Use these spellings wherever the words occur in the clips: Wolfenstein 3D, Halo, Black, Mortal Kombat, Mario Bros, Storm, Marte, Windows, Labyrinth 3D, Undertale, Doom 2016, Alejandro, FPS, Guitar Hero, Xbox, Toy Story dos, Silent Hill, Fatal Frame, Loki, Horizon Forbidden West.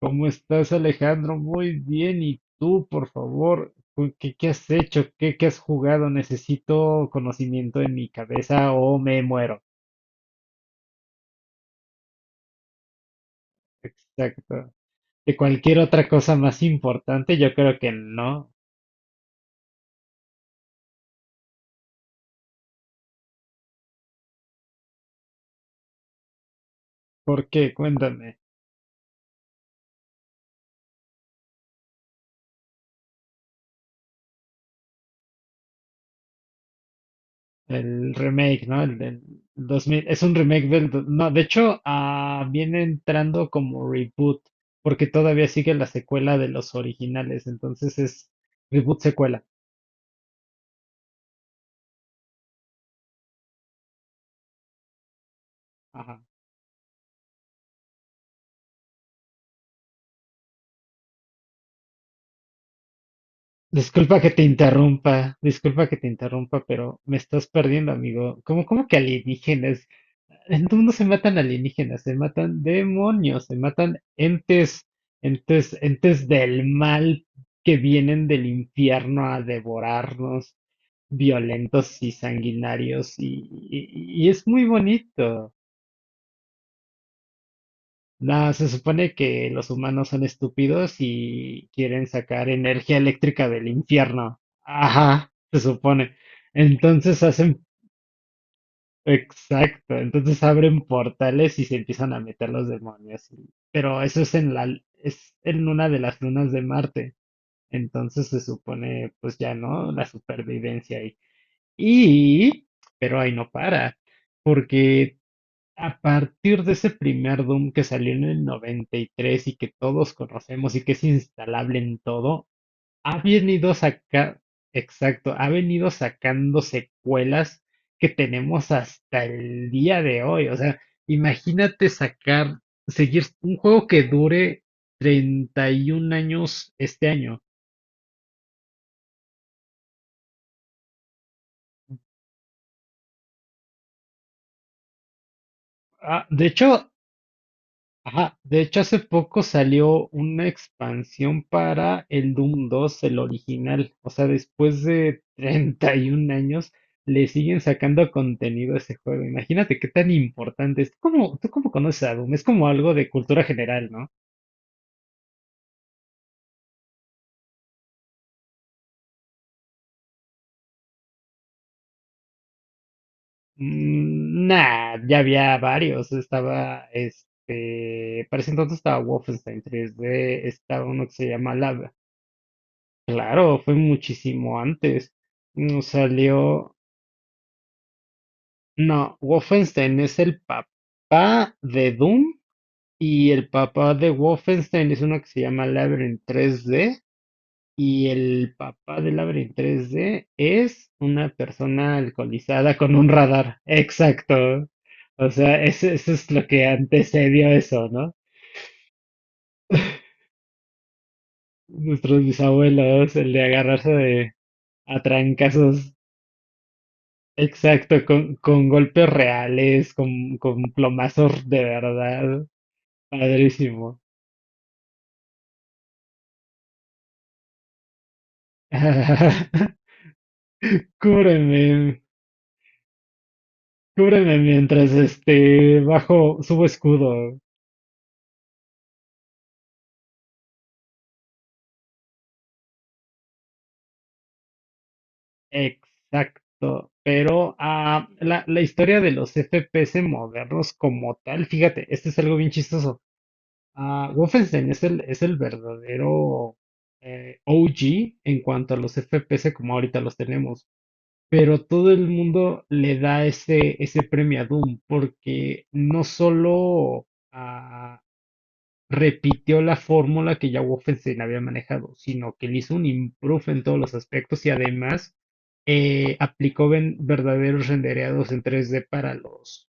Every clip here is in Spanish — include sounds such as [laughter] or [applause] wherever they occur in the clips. ¿Cómo estás, Alejandro? Muy bien. ¿Y tú, por favor? ¿Qué has hecho? ¿Qué has jugado? Necesito conocimiento en mi cabeza o me muero. Exacto. ¿De cualquier otra cosa más importante? Yo creo que no. ¿Por qué? Cuéntame. El remake, ¿no? El del 2000. Es un remake. No, de hecho, viene entrando como reboot, porque todavía sigue la secuela de los originales. Entonces es reboot secuela. Disculpa que te interrumpa, disculpa que te interrumpa, pero me estás perdiendo, amigo. ¿Cómo que alienígenas? En tu mundo se matan alienígenas, se matan demonios, se matan entes, entes, entes del mal que vienen del infierno a devorarnos, violentos y sanguinarios, y es muy bonito. No, se supone que los humanos son estúpidos y quieren sacar energía eléctrica del infierno. Ajá, se supone. Entonces hacen, exacto, entonces abren portales y se empiezan a meter los demonios. Pero eso es es en una de las lunas de Marte. Entonces se supone, pues ya no, la supervivencia ahí. Y, pero ahí no para, porque a partir de ese primer Doom que salió en el 93 y que todos conocemos y que es instalable en todo, ha venido saca, exacto, ha venido sacando secuelas que tenemos hasta el día de hoy. O sea, imagínate seguir un juego que dure 31 años este año. Ah, de hecho, Ajá, de hecho hace poco salió una expansión para el Doom 2, el original. O sea, después de [laughs] 31 años le siguen sacando contenido a ese juego. Imagínate qué tan importante es. ¿Tú cómo conoces a Doom? Es como algo de cultura general, ¿no? Mm, nah, ya había varios. Este, para ese entonces estaba Wolfenstein 3D, estaba uno que se llama Lab. Claro, fue muchísimo antes. Mm, salió. No, Wolfenstein es el papá de Doom y el papá de Wolfenstein es uno que se llama Labyrinth 3D y el papá de Labyrinth 3D es una persona alcoholizada con un radar. Exacto. O sea, eso es lo que antecedió eso, ¿no? Nuestros bisabuelos, el de agarrarse de a trancazos. Exacto, con golpes reales, con plomazos de verdad. Padrísimo. [laughs] Cúbreme, cúbreme mientras este bajo, subo escudo. Exacto. Pero la historia de los FPS modernos como tal, fíjate, este es algo bien chistoso. Wolfenstein es el verdadero OG en cuanto a los FPS como ahorita los tenemos. Pero todo el mundo le da ese premio a Doom porque no solo repitió la fórmula que ya Wolfenstein había manejado, sino que le hizo un improve en todos los aspectos y además aplicó verdaderos rendereados en 3D para los,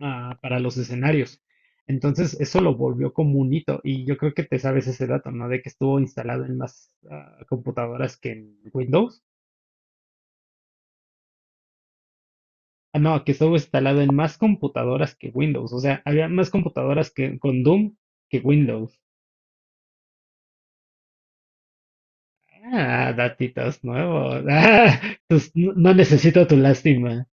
ah, para los escenarios. Entonces, eso lo volvió como un hito y yo creo que te sabes ese dato, ¿no? De que estuvo instalado en más computadoras que en Windows. No, que estuvo instalado en más computadoras que Windows. O sea, había más computadoras con Doom que Windows. Datitos nuevos. [laughs] No necesito tu lástima.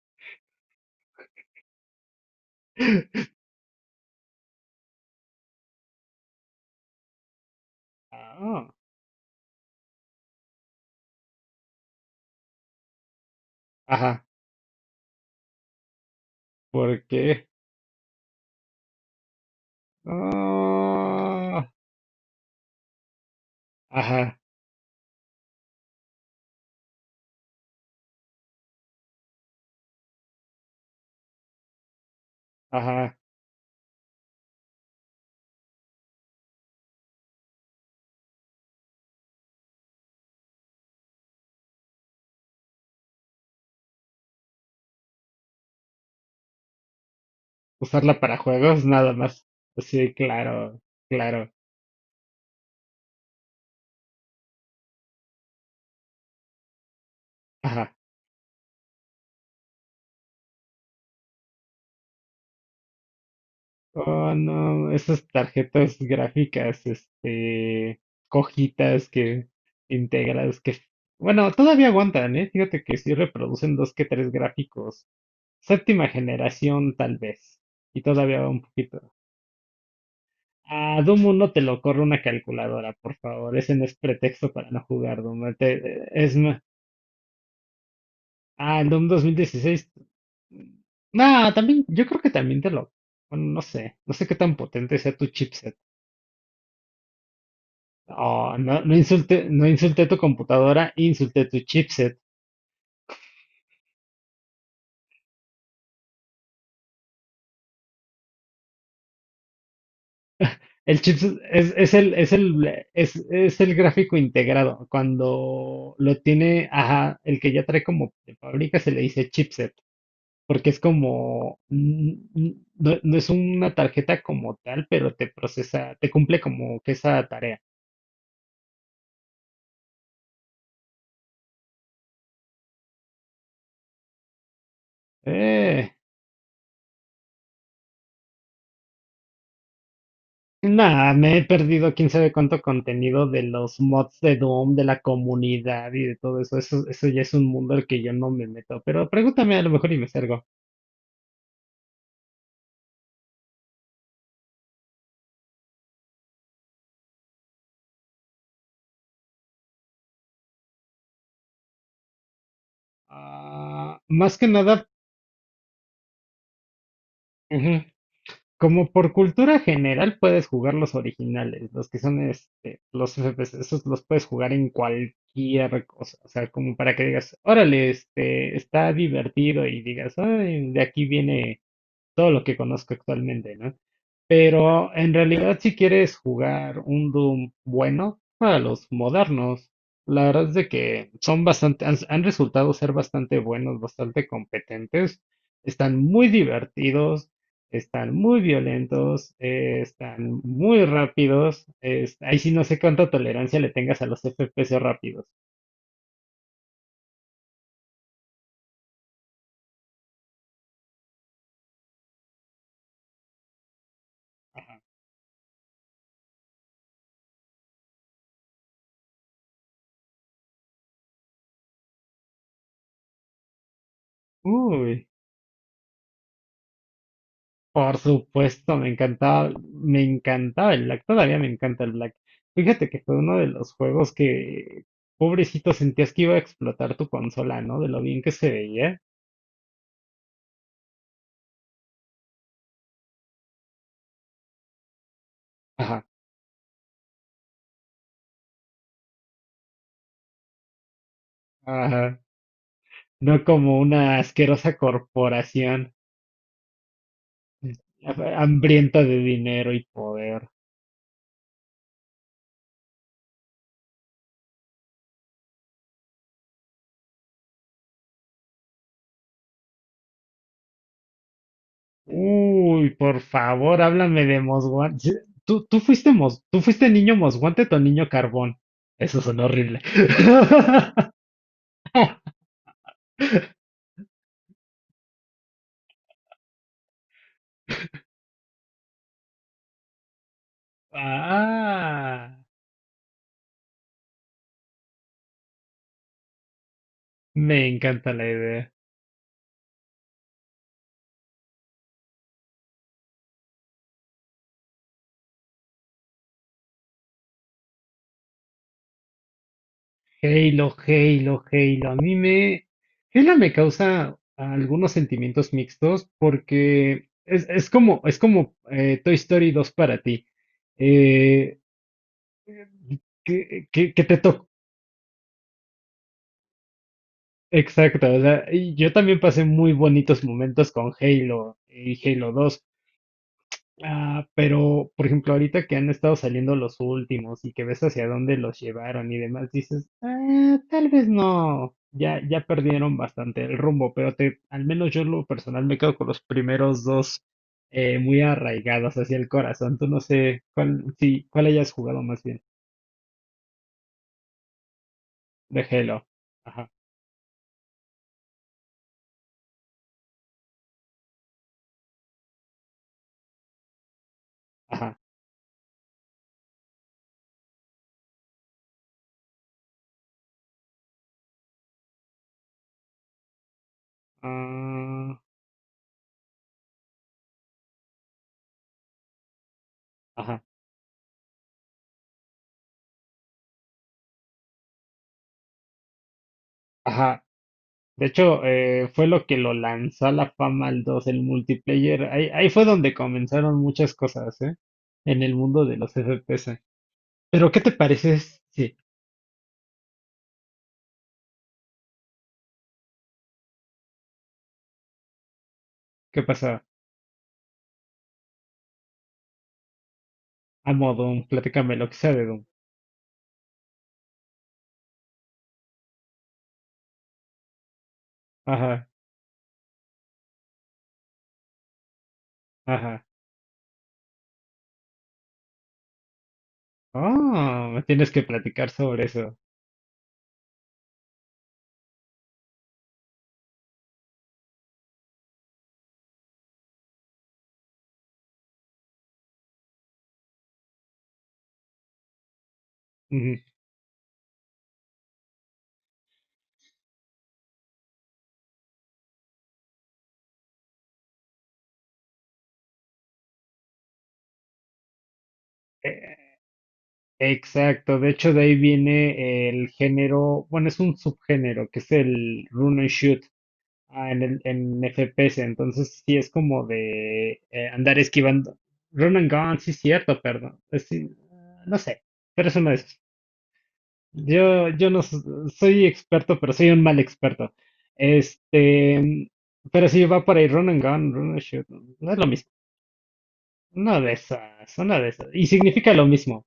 Ah, ajá, ¿por qué? Ah, ajá, ajá. Usarla para juegos, nada más. Pues sí, claro, claro. Ajá. Oh, no, esas tarjetas gráficas, este, cojitas que integras, que, bueno, todavía aguantan, ¿eh? Fíjate que sí reproducen dos que tres gráficos. Séptima generación, tal vez. Y todavía va un poquito. A Doom uno te lo corre una calculadora, por favor. Ese no es pretexto para no jugar Doom. El Doom 2016. No, también, yo creo que también te lo. Bueno, no sé. No sé qué tan potente sea tu chipset. Oh, no, no insulte, no insulté tu computadora, insulté tu chipset. El chips es el gráfico integrado. Cuando lo tiene, ajá, el que ya trae como de fábrica se le dice chipset, porque es como, no, no es una tarjeta como tal, pero te procesa, te cumple como que esa tarea. Eh, Nada, me he perdido quién sabe cuánto contenido de los mods de Doom, de la comunidad y de todo eso. Eso ya es un mundo al que yo no me meto, pero pregúntame a lo mejor y me salgo. Más que nada. Ujú. Como por cultura general puedes jugar los originales, los que son este, los FPS, esos los puedes jugar en cualquier cosa, o sea, como para que digas, órale, este, está divertido y digas, "Ay, de aquí viene todo lo que conozco actualmente", ¿no? Pero en realidad, si quieres jugar un Doom bueno, para los modernos, la verdad es de que son han resultado ser bastante buenos, bastante competentes, están muy divertidos, están muy violentos, están muy rápidos. Ahí sí no sé cuánta tolerancia le tengas a los FPS rápidos. Uy. Por supuesto, me encantaba el Black, todavía me encanta el Black. Fíjate que fue uno de los juegos que, pobrecito, sentías que iba a explotar tu consola, ¿no? De lo bien que se veía. Ajá, ajá. No como una asquerosa corporación hambrienta de dinero y poder. Uy, por favor, háblame de Mosguante. Tú fuiste niño Mosguante o niño Carbón. Eso sonó horrible. [laughs] Ah. Me encanta la idea. Halo, Halo, Halo. A mí me. Halo me causa algunos sentimientos mixtos porque es como Toy Story dos para ti. Eh, que te tocó. Exacto. O sea, y yo también pasé muy bonitos momentos con Halo y Halo 2. Pero, por ejemplo, ahorita que han estado saliendo los últimos y que ves hacia dónde los llevaron y demás, dices, tal vez no, ya, ya perdieron bastante el rumbo, pero al menos yo en lo personal me quedo con los primeros dos muy arraigados hacia el corazón. Tú no sé cuál, sí, cuál hayas jugado más bien. De Halo. Ajá, ajá, ah, ajá, ajá. De hecho, fue lo que lo lanzó a la fama al 2 el multiplayer. Ahí, ahí fue donde comenzaron muchas cosas, ¿eh? En el mundo de los FPS. Pero, ¿qué te parece? Sí, ¿qué pasa? Amo Doom, platícame lo que sea de Doom. Ajá, ajá. Me tienes que platicar sobre eso. Ujú. Eh, exacto, de hecho, de ahí viene el género, bueno, es un subgénero que es el run and shoot. En FPS, entonces sí es como de andar esquivando. Run and gun, sí es cierto, perdón. Es sí, no sé, pero es uno de esos. Yo no soy experto, pero soy un mal experto. Este, pero sí va por ahí, run and gun, run and shoot. No es lo mismo. Una de esas, una de esas. Y significa lo mismo.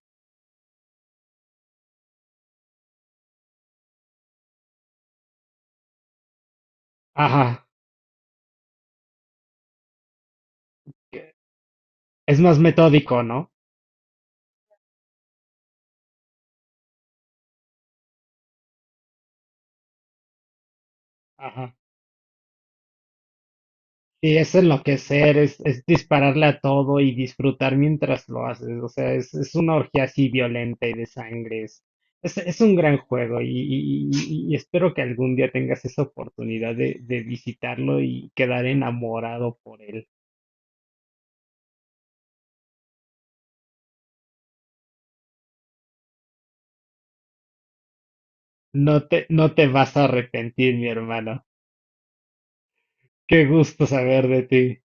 Ajá. que Es más metódico, ¿no? Ajá. Y es enloquecer, es dispararle a todo y disfrutar mientras lo haces. O sea, es una orgía así violenta y de sangre. Es un gran juego y espero que algún día tengas esa oportunidad de visitarlo y quedar enamorado por él. No te vas a arrepentir, mi hermano. Qué gusto saber de ti.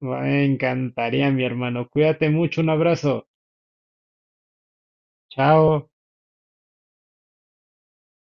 Me encantaría, mi hermano. Cuídate mucho. Un abrazo. Chao.